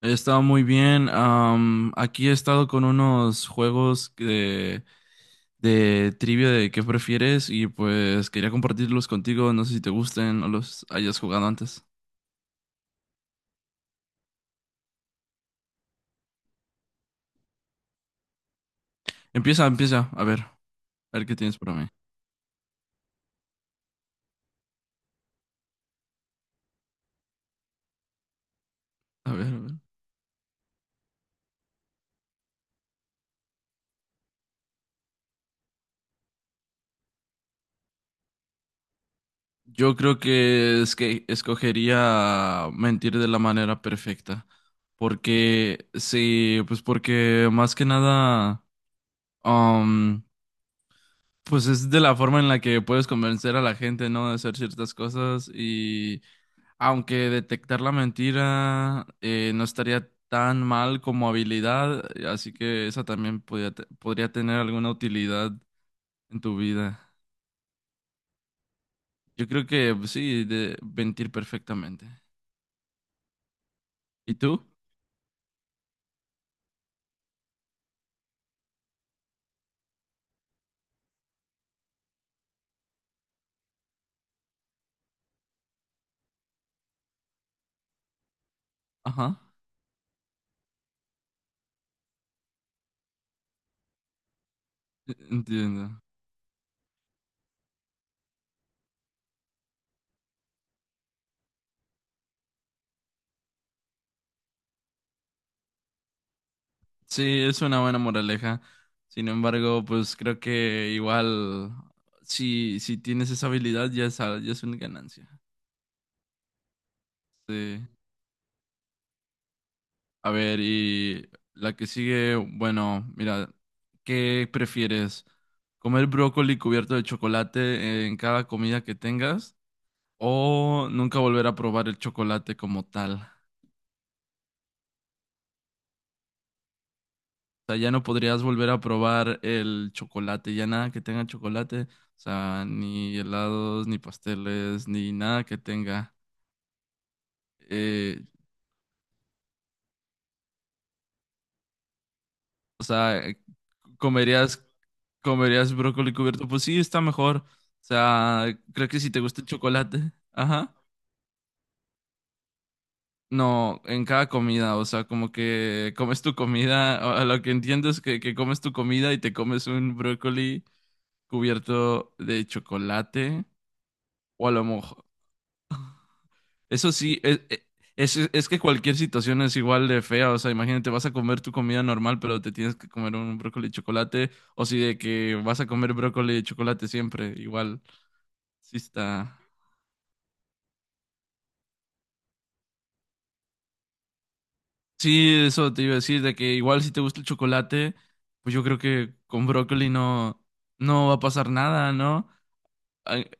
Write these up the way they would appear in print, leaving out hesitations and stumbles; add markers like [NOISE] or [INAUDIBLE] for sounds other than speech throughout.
He estado muy bien. Aquí he estado con unos juegos de trivia de qué prefieres y pues quería compartirlos contigo. No sé si te gusten o los hayas jugado antes. Empieza, empieza. A ver qué tienes para mí. A ver, a ver. Yo creo que es que escogería mentir de la manera perfecta. Porque sí, pues porque más que nada. Pues es de la forma en la que puedes convencer a la gente, ¿no? De hacer ciertas cosas y aunque detectar la mentira no estaría tan mal como habilidad, así que esa también podría, podría tener alguna utilidad en tu vida. Yo creo que pues, sí, de mentir perfectamente. ¿Y tú? Ajá, entiendo. Sí, es una buena moraleja. Sin embargo, pues creo que igual si tienes esa habilidad ya es, ya es una ganancia. Sí. A ver, y la que sigue, bueno, mira, ¿qué prefieres? ¿Comer brócoli cubierto de chocolate en cada comida que tengas? ¿O nunca volver a probar el chocolate como tal? O sea, ya no podrías volver a probar el chocolate, ya nada que tenga chocolate, o sea, ni helados, ni pasteles, ni nada que tenga. Eh, o sea, ¿Comerías, ¿comerías brócoli cubierto? Pues sí, está mejor. O sea, creo que si te gusta el chocolate. Ajá. No, en cada comida, o sea, como que comes tu comida, a lo que entiendo es que comes tu comida y te comes un brócoli cubierto de chocolate o a lo mejor. Eso sí, es es que cualquier situación es igual de fea, o sea, imagínate, vas a comer tu comida normal, pero te tienes que comer un brócoli de chocolate, o si de que vas a comer brócoli de chocolate siempre, igual. Sí está. Sí, eso te iba a decir, de que igual si te gusta el chocolate, pues yo creo que con brócoli no va a pasar nada, ¿no? Ay,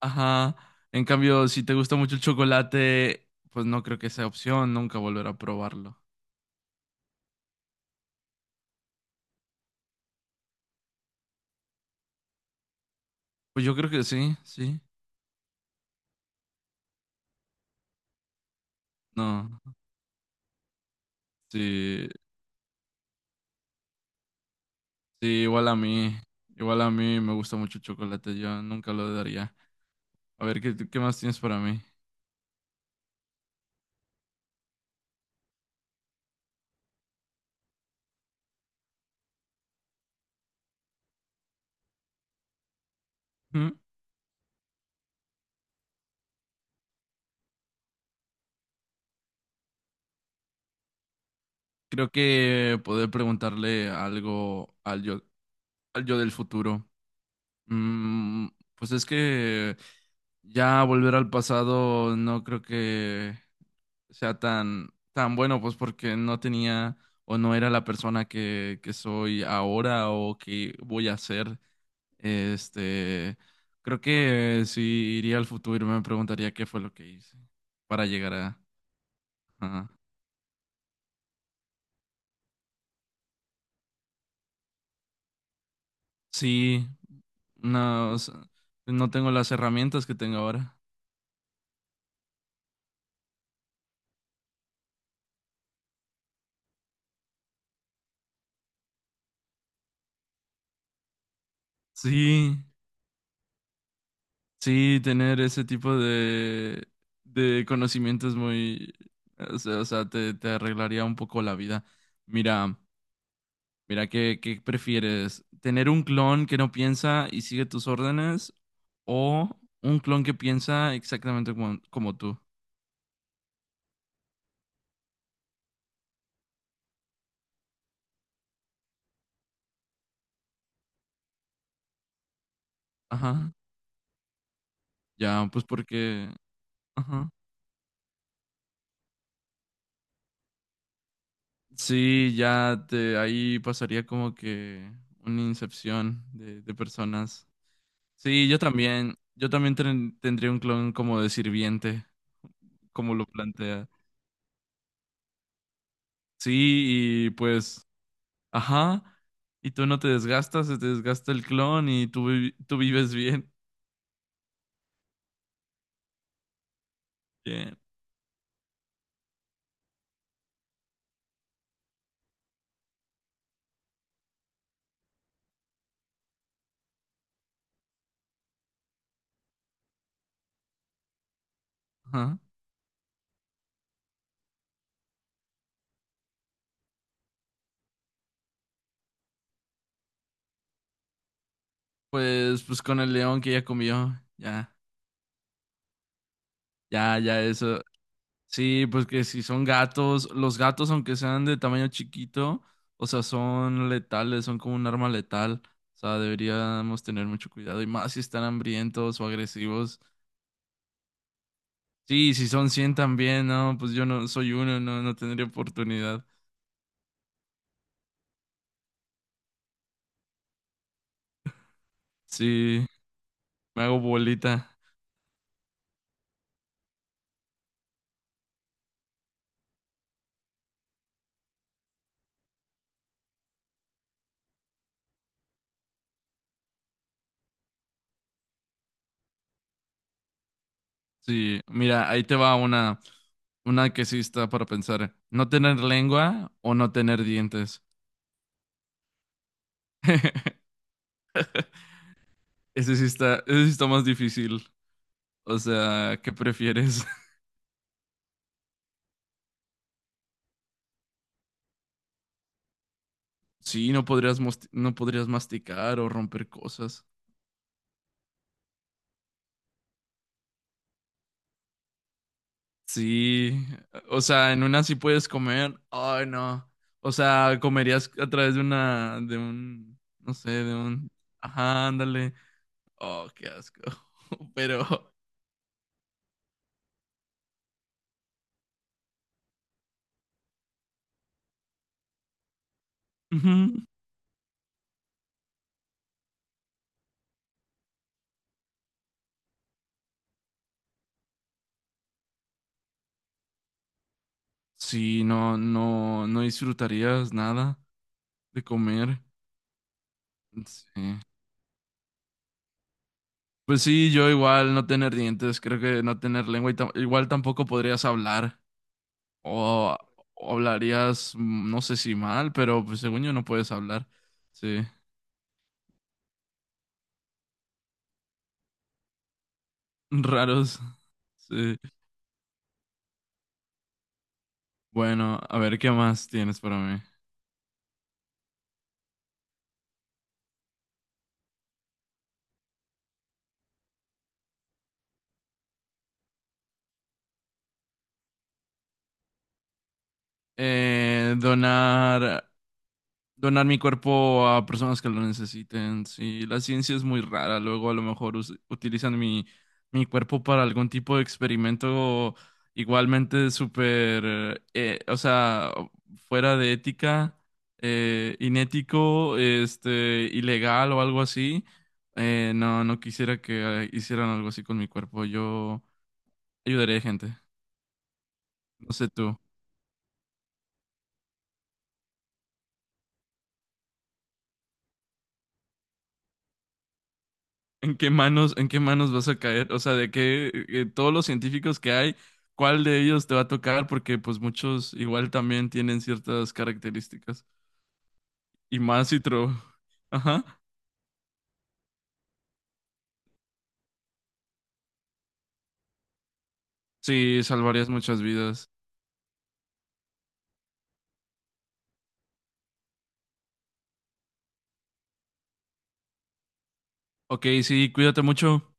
Ajá. En cambio, si te gusta mucho el chocolate, pues no creo que sea opción, nunca volver a probarlo. Pues yo creo que sí, sí. No, sí, sí, igual a mí me gusta mucho el chocolate, yo nunca lo daría. A ver, ¿qué, qué más tienes para mí? ¿Mm? Creo que poder preguntarle algo al yo. Al yo del futuro. Mm, pues es que ya volver al pasado no creo que sea tan, tan bueno, pues porque no tenía o no era la persona que soy ahora o que voy a ser. Este, creo que si iría al futuro me preguntaría qué fue lo que hice para llegar a... ajá. Sí, no, o sea, no tengo las herramientas que tengo ahora. Sí. Sí, tener ese tipo de conocimientos muy, o sea, te arreglaría un poco la vida. Mira, mira, ¿qué, qué prefieres? ¿Tener un clon que no piensa y sigue tus órdenes o un clon que piensa exactamente como, como tú? Ajá, ya, pues porque, ajá. Sí, ya te, ahí pasaría como que una incepción de personas. Sí, yo también. Yo también tendría un clon como de sirviente, como lo plantea. Sí, y pues, ajá. Y tú no te desgastas, se te desgasta el clon y tú, tú vives bien. [LAUGHS] Bien. Ajá. Pues, pues con el león que ya comió. Ya, ya, ya, eso. Sí, pues que si son gatos, los gatos, aunque sean de tamaño chiquito, o sea, son letales, son como un arma letal. O sea, deberíamos tener mucho cuidado y más si están hambrientos o agresivos. Sí, si son 100 también, no, pues yo no soy uno, no, no tendría oportunidad. Sí, me hago bolita. Sí, mira, ahí te va una que sí está para pensar. No tener lengua o no tener dientes. [LAUGHS] Ese sí está más difícil. O sea, ¿qué prefieres? [LAUGHS] Sí, no podrías, no podrías masticar o romper cosas. Sí, o sea, en una sí puedes comer. Ay, no. O sea, comerías a través de una, de un, no sé, de un, ajá, ándale. Oh, qué asco. [LAUGHS] Pero, ujú. Sí, no, no, no disfrutarías nada de comer. Sí. Pues sí, yo igual no tener dientes, creo que no tener lengua y igual tampoco podrías hablar o, o hablarías, mm, no sé si mal, pero pues según yo no puedes hablar. Sí. [LAUGHS] Raros. Sí. Bueno, a ver, ¿qué más tienes para mí? Donar, donar mi cuerpo a personas que lo necesiten. Sí, la ciencia es muy rara. Luego a lo mejor utilizan mi, mi cuerpo para algún tipo de experimento igualmente súper, o sea, fuera de ética, inético, este, ilegal o algo así. No, no quisiera que hicieran algo así con mi cuerpo. Yo... ayudaré gente. No sé tú. En qué manos vas a caer? O sea, de qué todos los científicos que hay, ¿cuál de ellos te va a tocar? Porque pues muchos igual también tienen ciertas características. Y más si [LAUGHS] Ajá. Sí, salvarías muchas vidas. Ok, sí, cuídate mucho.